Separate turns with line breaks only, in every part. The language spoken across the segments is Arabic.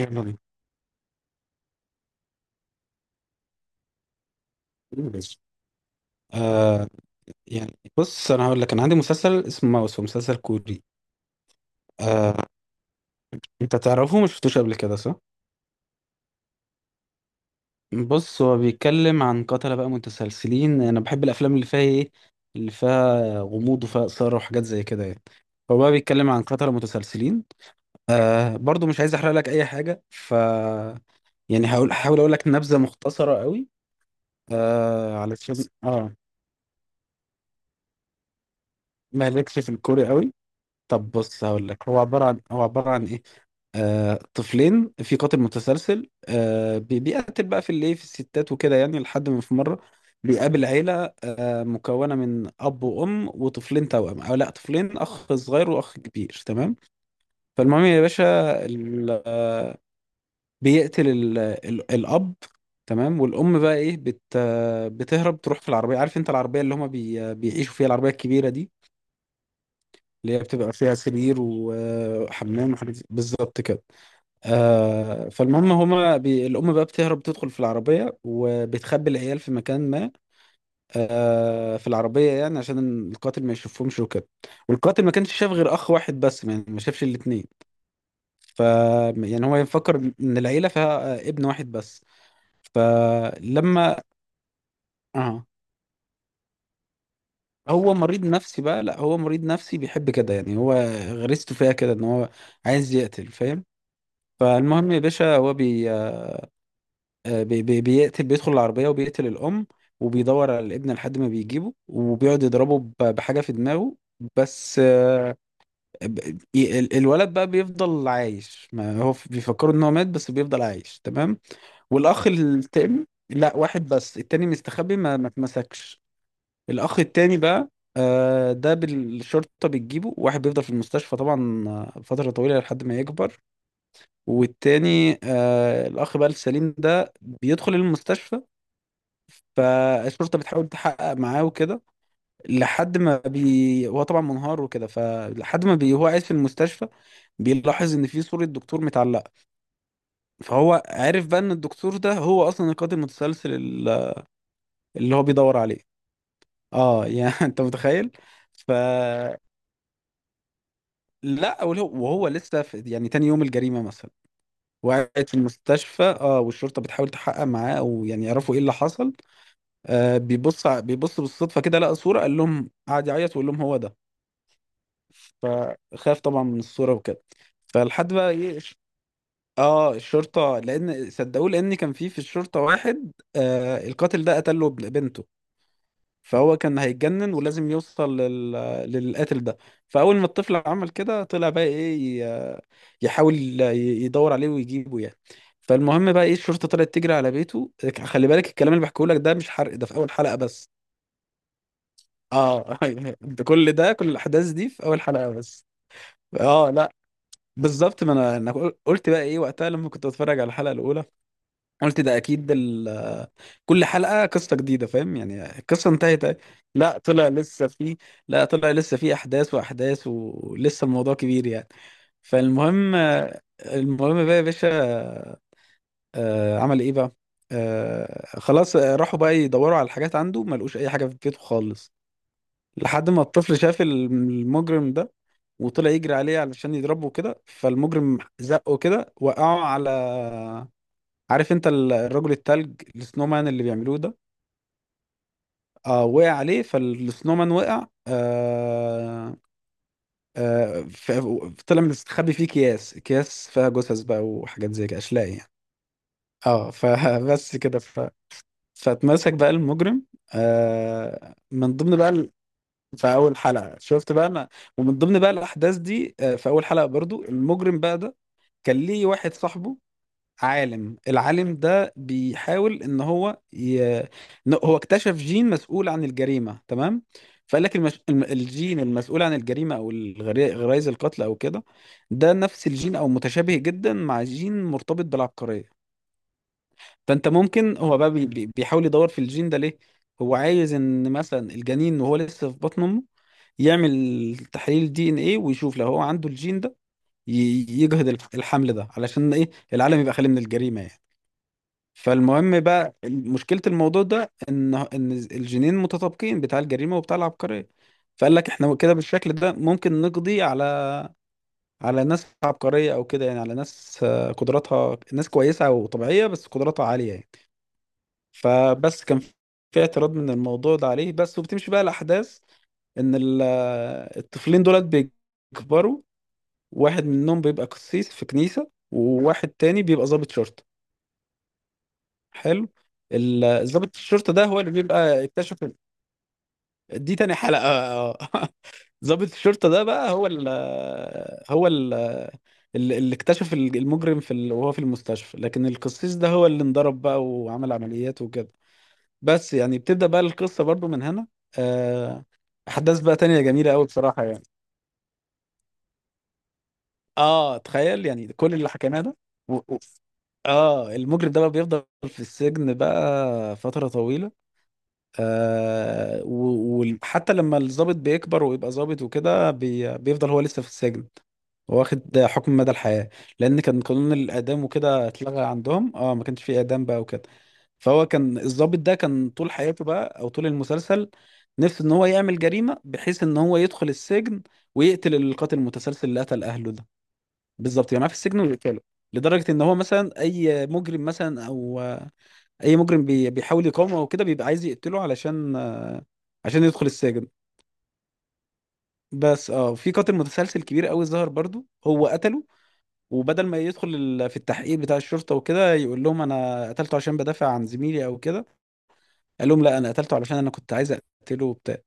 يلا بينا. آه، يعني بص انا هقول لك، انا عندي مسلسل اسمه ماوس، هو مسلسل كوري. آه، انت تعرفه، ما شفتوش قبل كده، صح؟ بص، هو بيتكلم عن قتلة بقى متسلسلين. انا بحب الافلام اللي فيها ايه، اللي فيها غموض وفيها اثاره وحاجات زي كده يعني. هو بقى بيتكلم عن قتلة متسلسلين. آه، برضو مش عايز احرق لك اي حاجه، ف يعني هقول هحاول اقول لك نبذه مختصره قوي. آه، علشان اه ما لكش في الكوري قوي. طب بص هقول لك، هو عباره عن ايه. آه، طفلين، في قاتل متسلسل، بيقتل بقى في الايه، في الستات وكده يعني، لحد ما في مره بيقابل عيله مكونه من اب وام وطفلين توأم. او لا، طفلين، اخ صغير واخ كبير، تمام. فالمهم يا باشا، ال- آه، بيقتل الاب. تمام. والام بقى ايه، بت آه، بتهرب تروح في العربيه، عارف انت العربيه اللي هما بي آه، بيعيشوا فيها، العربيه الكبيره دي، اللي هي بتبقى فيها سرير وحمام وحاجات بالظبط كده. آه فالمهم هما بي... الأم بقى بتهرب، تدخل في العربية وبتخبي العيال في مكان ما، آه في العربية يعني عشان القاتل ما يشوفهمش وكده. والقاتل ما كانش شاف غير أخ واحد بس يعني، ما شافش الاتنين. ف يعني هو يفكر إن العيلة فيها ابن واحد بس. فلما آه، هو مريض نفسي بقى. لا، هو مريض نفسي بيحب كده يعني، هو غريزته فيها كده إن هو عايز يقتل، فاهم. فالمهم يا باشا، هو بي آه، بي بي بيقتل، بيدخل العربية وبيقتل الأم، وبيدور على الابن لحد ما بيجيبه وبيقعد يضربه بحاجة في دماغه. بس آه، الولد بقى بيفضل عايش. ما هو بيفكروا ان هو مات، بس بيفضل عايش، تمام. والأخ التاني، لا واحد بس، التاني مستخبي ما اتمسكش. الأخ التاني بقى، آه، ده بالشرطة بتجيبه، واحد بيفضل في المستشفى طبعا آه، فترة طويلة لحد ما يكبر. والتاني آه الأخ بقى السليم، ده بيدخل المستشفى، فالشرطه بتحاول تحقق معاه وكده. لحد ما بي هو طبعا منهار وكده، فلحد ما بي هو قاعد في المستشفى بيلاحظ ان في صوره دكتور متعلقه، فهو عارف بقى ان الدكتور ده هو اصلا القاتل المتسلسل اللي هو بيدور عليه. اه يعني انت متخيل؟ ف لا، وهو لسه في يعني تاني يوم الجريمه مثلا وقعت في المستشفى، اه، والشرطه بتحاول تحقق معاه او يعني يعرفوا ايه اللي حصل. آه، بيبص بالصدفه كده لقى صوره، قال لهم، قعد يعيط ويقول لهم هو ده. فخاف طبعا من الصورة وكده. فلحد بقى ايه اه، الشرطة لان صدقوه، لان كان في الشرطة واحد آه، القاتل ده قتله بنته، فهو كان هيتجنن ولازم يوصل لل... للقاتل ده. فأول ما الطفل عمل كده طلع بقى ايه يحاول يدور عليه ويجيبه يعني. فالمهم بقى ايه، الشرطة طلعت تجري على بيته. خلي بالك الكلام اللي بحكيه لك ده مش حرق، ده في أول حلقة بس. اه ده كل ده، كل الأحداث دي في أول حلقة بس. اه لا، بالظبط. ما انا قلت بقى ايه وقتها لما كنت بتفرج على الحلقه الاولى، قلت ده اكيد ال... كل حلقه قصه جديده، فاهم يعني، القصه انتهت أهي. لا طلع لسه في، لا طلع لسه في احداث واحداث، ولسه الموضوع كبير يعني. فالمهم، المهم بقى يا باشا، آه، عمل ايه بقى. آه، خلاص، آه، راحوا بقى يدوروا على الحاجات عنده، ما لقوش اي حاجه في بيته خالص. لحد ما الطفل شاف المجرم ده، وطلع يجري عليه علشان يضربه كده، فالمجرم زقه كده وقعه على، عارف انت الرجل التلج السنومان اللي بيعملوه ده، آه، وقع عليه، فالسنومان وقع آه. آه، طلع مستخبي فيه اكياس، اكياس فيها جثث بقى وحاجات زي كده، اشلاء يعني. اه فبس كده، ف... فاتمسك بقى المجرم. آه من ضمن بقى، في اول حلقه شفت بقى انا، ومن ضمن بقى الاحداث دي آه، في اول حلقه برضو المجرم بقى ده كان ليه واحد صاحبه، عالم، العالم ده بيحاول ان هو ي... إن هو اكتشف جين مسؤول عن الجريمه، تمام. فقال لك المش... الجين المسؤول عن الجريمه او الغري... غرائز القتل او كده. ده نفس الجين او متشابه جدا مع جين مرتبط بالعبقريه. فانت ممكن، هو بقى بيحاول يدور في الجين ده ليه. هو عايز ان مثلا الجنين وهو لسه في بطن امه يعمل تحليل دي ان ايه، ويشوف لو هو عنده الجين ده، يجهض الحمل ده، علشان ايه، العالم يبقى خالي من الجريمة يعني. فالمهم بقى، مشكلة الموضوع ده ان الجينين متطابقين، بتاع الجريمة وبتاع العبقرية. فقال لك احنا كده بالشكل ده ممكن نقضي على، على ناس عبقرية او كده يعني، على ناس آه، قدراتها، ناس كويسة وطبيعية بس قدراتها عالية يعني. فبس كان في اعتراض من الموضوع ده عليه بس، وبتمشي بقى الأحداث إن الطفلين دولت بيكبروا، واحد منهم بيبقى قسيس في كنيسة وواحد تاني بيبقى ضابط شرطة. حلو. ضابط الشرطة ده هو اللي بيبقى اكتشف، دي تاني حلقة ضابط الشرطة ده بقى هو ال هو ال اللي اكتشف المجرم في ال... وهو في المستشفى، لكن القسيس ده هو اللي انضرب بقى وعمل عمليات وكده. بس يعني بتبدأ بقى القصة برضو من هنا. آه، أحداث بقى تانية جميلة أوي بصراحة يعني. آه، تخيل يعني كل اللي حكيناه ده. و... و... آه، المجرم ده بقى بيفضل في السجن بقى فترة طويلة. آه وحتى لما الضابط بيكبر ويبقى ضابط وكده، بي... بيفضل هو لسه في السجن، واخد حكم مدى الحياة. لأن كان قانون الإعدام وكده اتلغى عندهم آه، ما كانش فيه إعدام بقى وكده. فهو كان الضابط ده كان طول حياته بقى او طول المسلسل نفسه ان هو يعمل جريمه بحيث ان هو يدخل السجن ويقتل القاتل المتسلسل اللي قتل اهله ده. بالظبط يعني، في السجن ويقتله. لدرجه ان هو مثلا اي مجرم مثلا او اي مجرم بيحاول يقاومه او كده بيبقى عايز يقتله علشان، عشان يدخل السجن. بس اه في قاتل متسلسل كبير قوي ظهر برضو، هو قتله. وبدل ما يدخل في التحقيق بتاع الشرطه وكده يقول لهم انا قتلته عشان بدافع عن زميلي او كده، قال لهم لا، انا قتلته علشان انا كنت عايز اقتله وبتاع.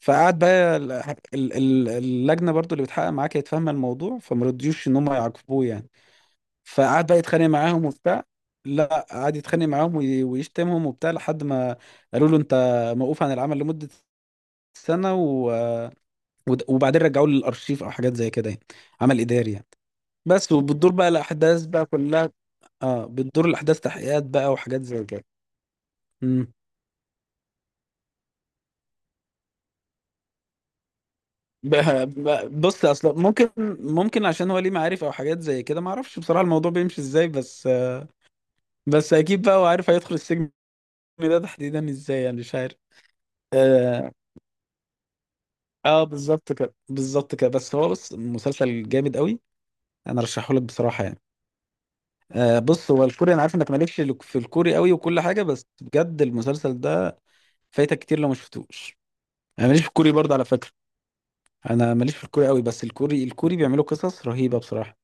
فقعد بقى اللجنه برضو اللي بتحقق معاه كانت فاهمه الموضوع، فما رضيوش ان هم يعاقبوه يعني. فقعد بقى يتخانق معاهم وبتاع. لا قعد يتخانق معاهم ويشتمهم وبتاع لحد ما قالوا له انت موقوف عن العمل لمده سنه و... وبعدين رجعوه للارشيف او حاجات زي كده يعني، عمل اداري يعني. بس وبتدور بقى الاحداث بقى كلها. اه بتدور الاحداث، تحقيقات بقى وحاجات زي كده. إمم. ب- بص اصلا ممكن عشان هو ليه معارف او حاجات زي كده، ما اعرفش بصراحه الموضوع بيمشي ازاي، بس بس اكيد بقى هو عارف هيدخل السجن، ده تحديدا ازاي يعني مش عارف. اه، آه بالظبط كده، بالظبط كده، بس هو بص مسلسل جامد قوي، انا رشحه لك بصراحه يعني. آه بص، هو الكوري انا عارف انك مالكش لك في الكوري قوي وكل حاجه، بس بجد المسلسل ده فايتك كتير لو ما شفتوش. انا ماليش في الكوري برضه على فكره، انا ماليش في الكوري قوي، بس الكوري، الكوري بيعملوا قصص رهيبه بصراحه،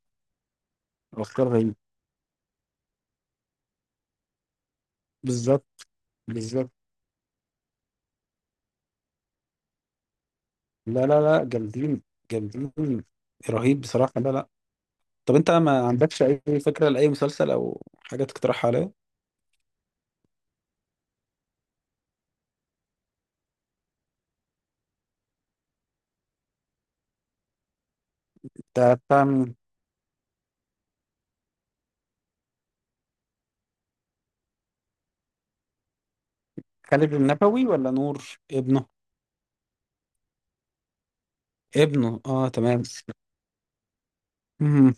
افكار رهيبه. بالظبط، بالظبط. لا لا لا، جامدين، جامدين، رهيب بصراحة، لا لا. طب انت ما عندكش اي فكرة لأي مسلسل او حاجة تقترحها عليا؟ انت بتاع مين؟ خالد النبوي ولا نور ابنه؟ ابنه اه تمام. امم،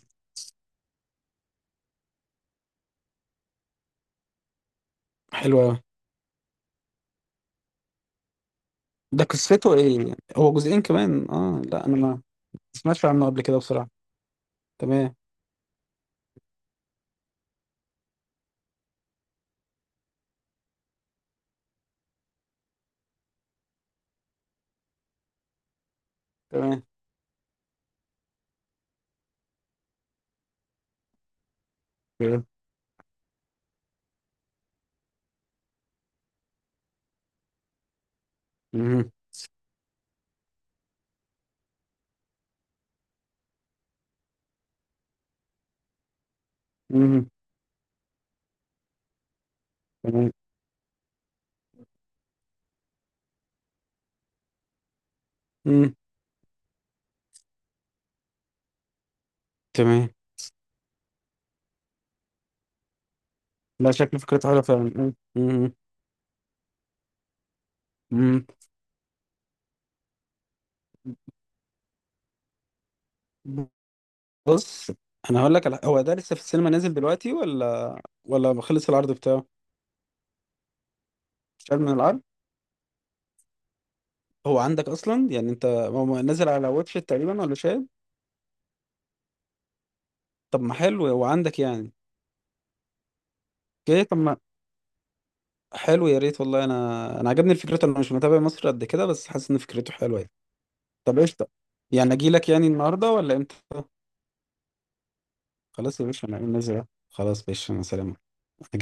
حلو أوي. ده قصته ايه، هو جزئين كمان؟ اه لا انا ما سمعتش عنه قبل كده بصراحة. تمام. تمام. تمام. مم. مم. تمام. مم. تمام. لا، شكل فكرته حلوة فعلا. مم. مم. مم. بص انا هقول لك على، هو ده لسه في السينما نازل دلوقتي ولا ولا خلص العرض بتاعه؟ مش عارف من العرض. هو عندك اصلا يعني انت، هو نازل على واتش إت تقريبا ولا شاهد؟ طب ما حلو، هو عندك يعني. اوكي طب ما حلو، يا ريت والله، انا عجبني الفكرة، انا مش متابع مصر قد كده بس حاسس ان فكرته حلوه يعني. طب قشطه، يعني اجي لك يعني النهارده ولا امتى؟ خلاص يا باشا انا نازل. خلاص يا باشا انا سلام.